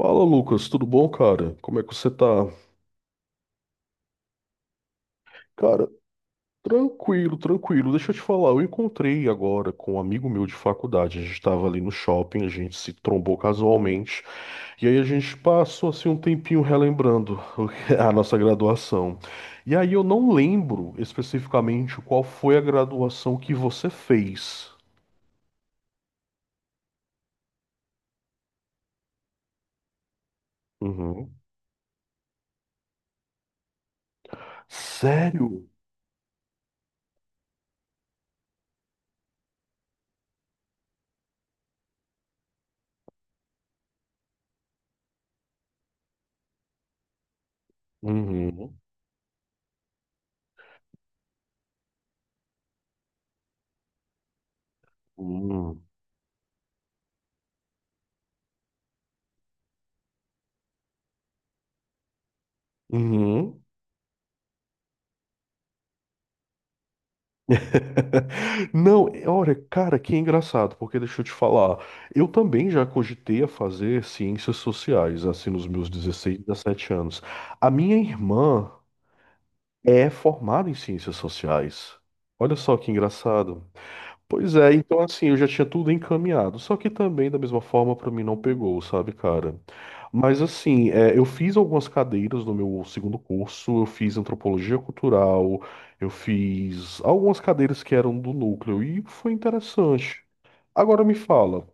Fala, Lucas, tudo bom, cara? Como é que você tá? Cara, tranquilo. Deixa eu te falar, eu encontrei agora com um amigo meu de faculdade. A gente tava ali no shopping, a gente se trombou casualmente, e aí a gente passou assim um tempinho relembrando o que- é a nossa graduação. E aí eu não lembro especificamente qual foi a graduação que você fez. Uhum. Sério? Uhum. Uhum. Uhum. Não, é- Olha, cara, que engraçado, porque deixa eu te falar, eu também já cogitei a fazer ciências sociais, assim, nos meus dezesseis, 17 anos. A minha irmã é formada em ciências sociais. Olha só que engraçado. Pois é, então assim, eu já tinha tudo encaminhado. Só que também, da mesma forma, pra mim não pegou, sabe, cara? Mas assim, é, eu fiz algumas cadeiras no meu segundo curso, eu fiz antropologia cultural, eu fiz algumas cadeiras que eram do núcleo e foi interessante. Agora me fala,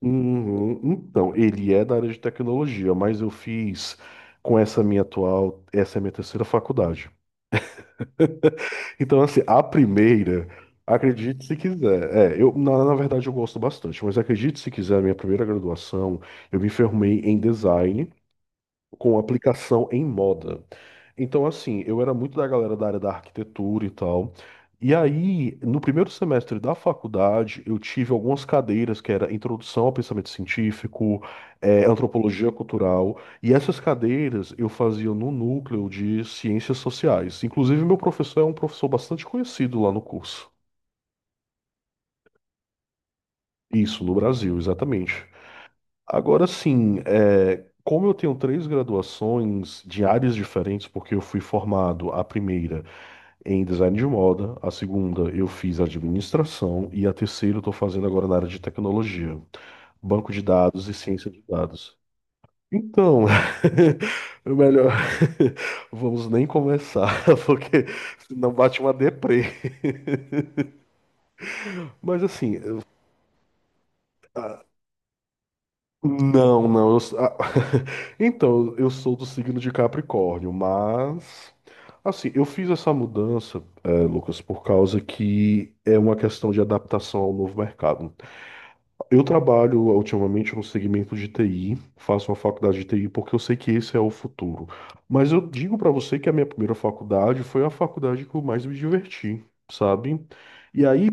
uhum, então, ele é da área de tecnologia, mas eu fiz com essa minha atual, essa é a minha terceira faculdade. Então, assim, a primeira, acredite se quiser. É, na verdade, eu gosto bastante, mas acredite se quiser, a minha primeira graduação, eu me formei em design com aplicação em moda. Então, assim, eu era muito da galera da área da arquitetura e tal. E aí, no primeiro semestre da faculdade, eu tive algumas cadeiras que era Introdução ao Pensamento Científico, Antropologia Cultural, e essas cadeiras eu fazia no núcleo de Ciências Sociais. Inclusive, meu professor é um professor bastante conhecido lá no curso. Isso, no Brasil, exatamente. Agora sim, é, como eu tenho três graduações de áreas diferentes, porque eu fui formado a primeira em design de moda, a segunda eu fiz administração e a terceira eu estou fazendo agora na área de tecnologia, banco de dados e ciência de dados. Então, o melhor, vamos nem começar, porque senão bate uma deprê. Mas assim, não. Então, eu sou do signo de Capricórnio, mas. Assim, eu fiz essa mudança, Lucas, por causa que é uma questão de adaptação ao novo mercado. Eu trabalho ultimamente no segmento de TI, faço uma faculdade de TI porque eu sei que esse é o futuro. Mas eu digo pra você que a minha primeira faculdade foi a faculdade que eu mais me diverti, sabe? E aí,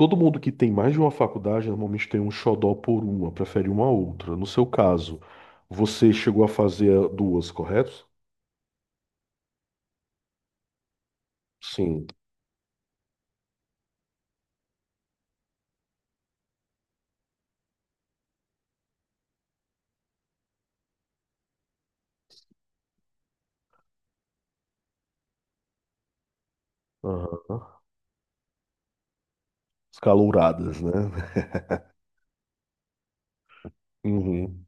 todo mundo que tem mais de uma faculdade normalmente tem um xodó por uma, prefere uma a outra. No seu caso, você chegou a fazer duas, correto? Sim. Aham. Escalouradas, né? Uhum.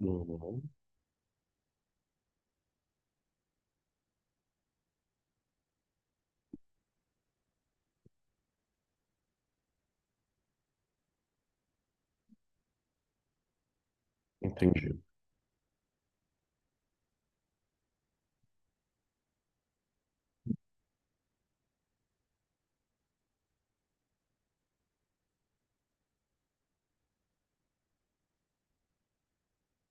Uhum. Entendi.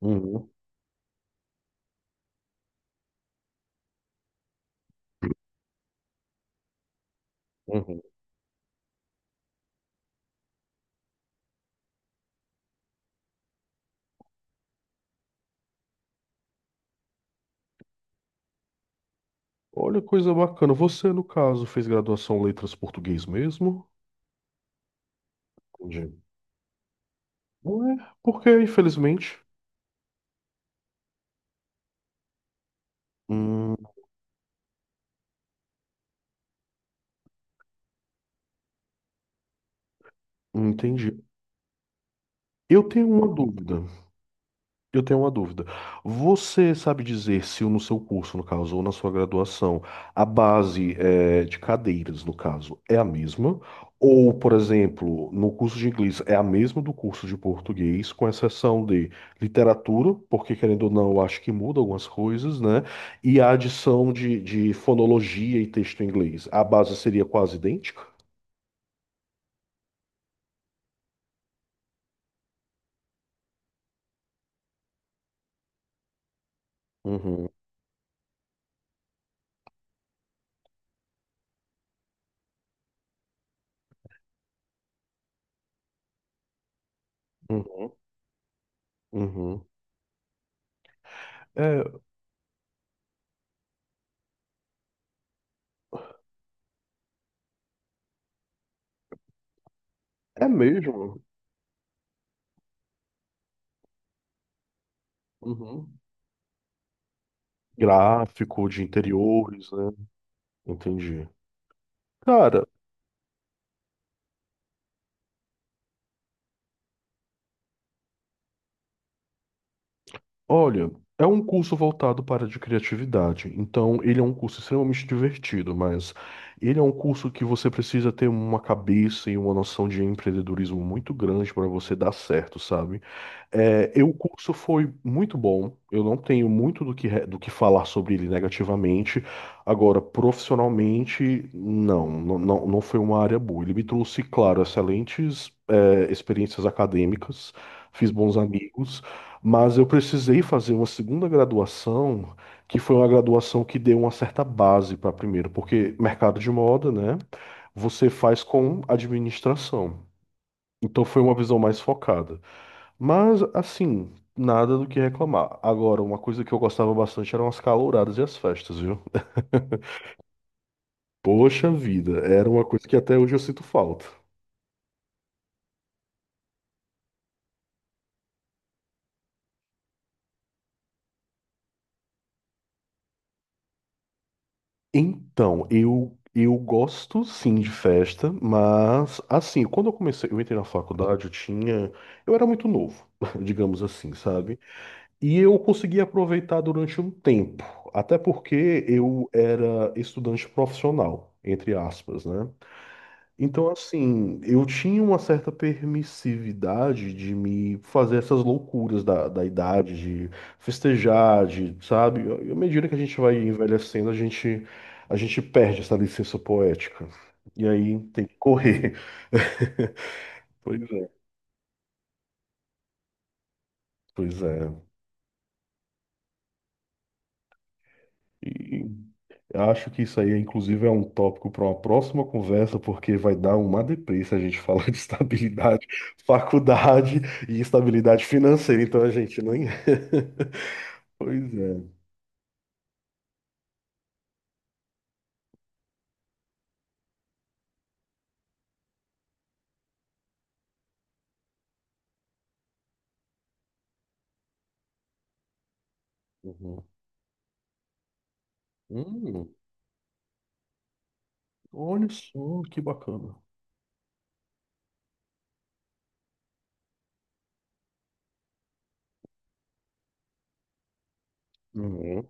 Uhum. Uhum. Olha, coisa bacana. Você, no caso, fez graduação em letras português mesmo? Entendi. Não é? Porque, infelizmente. Hum, entendi. Eu tenho uma dúvida. Eu tenho uma dúvida. Você sabe dizer se no seu curso, no caso, ou na sua graduação, a base de cadeiras, no caso, é a mesma? Ou, por exemplo, no curso de inglês é a mesma do curso de português, com exceção de literatura, porque querendo ou não, eu acho que muda algumas coisas, né? E a adição de fonologia e texto em inglês. A base seria quase idêntica? Uhum, uhum, uhum. É, é mesmo. Uhum. Gráfico de interiores, né? Entendi. Cara, olha, é um curso voltado para a de criatividade. Então, ele é um curso extremamente divertido, mas ele é um curso que você precisa ter uma cabeça e uma noção de empreendedorismo muito grande para você dar certo, sabe? É, eu, o curso foi muito bom. Eu não tenho muito do que falar sobre ele negativamente. Agora, profissionalmente, não foi uma área boa. Ele me trouxe, claro, excelentes, é, experiências acadêmicas, fiz bons amigos, mas eu precisei fazer uma segunda graduação, que foi uma graduação que deu uma certa base para a primeira, porque mercado de moda, né? Você faz com administração. Então foi uma visão mais focada. Mas, assim, nada do que reclamar. Agora, uma coisa que eu gostava bastante eram as calouradas e as festas, viu? Poxa vida, era uma coisa que até hoje eu sinto falta. Então, eu gosto sim de festa, mas assim, quando eu comecei, eu entrei na faculdade, eu tinha, eu era muito novo, digamos assim, sabe? E eu consegui aproveitar durante um tempo, até porque eu era estudante profissional, entre aspas, né? Então, assim, eu tinha uma certa permissividade de me fazer essas loucuras da idade, de festejar, de, sabe? E à medida que a gente vai envelhecendo, a gente perde essa licença poética. E aí tem que correr. Pois é, pois é. E acho que isso aí, inclusive, é um tópico para uma próxima conversa, porque vai dar uma deprê se a gente falar de estabilidade, faculdade e estabilidade financeira. Então a gente não. Pois é. Uhum. Hum, olha só, que bacana. Uhum.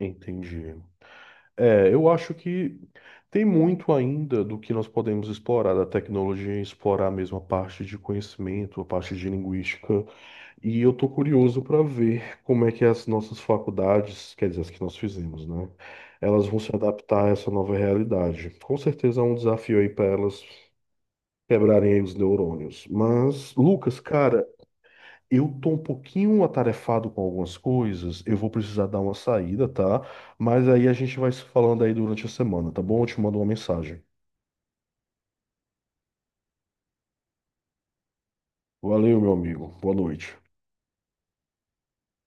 Entendi. É, eu acho que tem muito ainda do que nós podemos explorar da tecnologia, explorar mesmo a parte de conhecimento, a parte de linguística. E eu tô curioso para ver como é que as nossas faculdades, quer dizer, as que nós fizemos, né? Elas vão se adaptar a essa nova realidade. Com certeza é um desafio aí para elas quebrarem aí os neurônios. Mas, Lucas, cara, eu tô um pouquinho atarefado com algumas coisas, eu vou precisar dar uma saída, tá? Mas aí a gente vai se falando aí durante a semana, tá bom? Eu te mando uma mensagem. Valeu, meu amigo. Boa noite.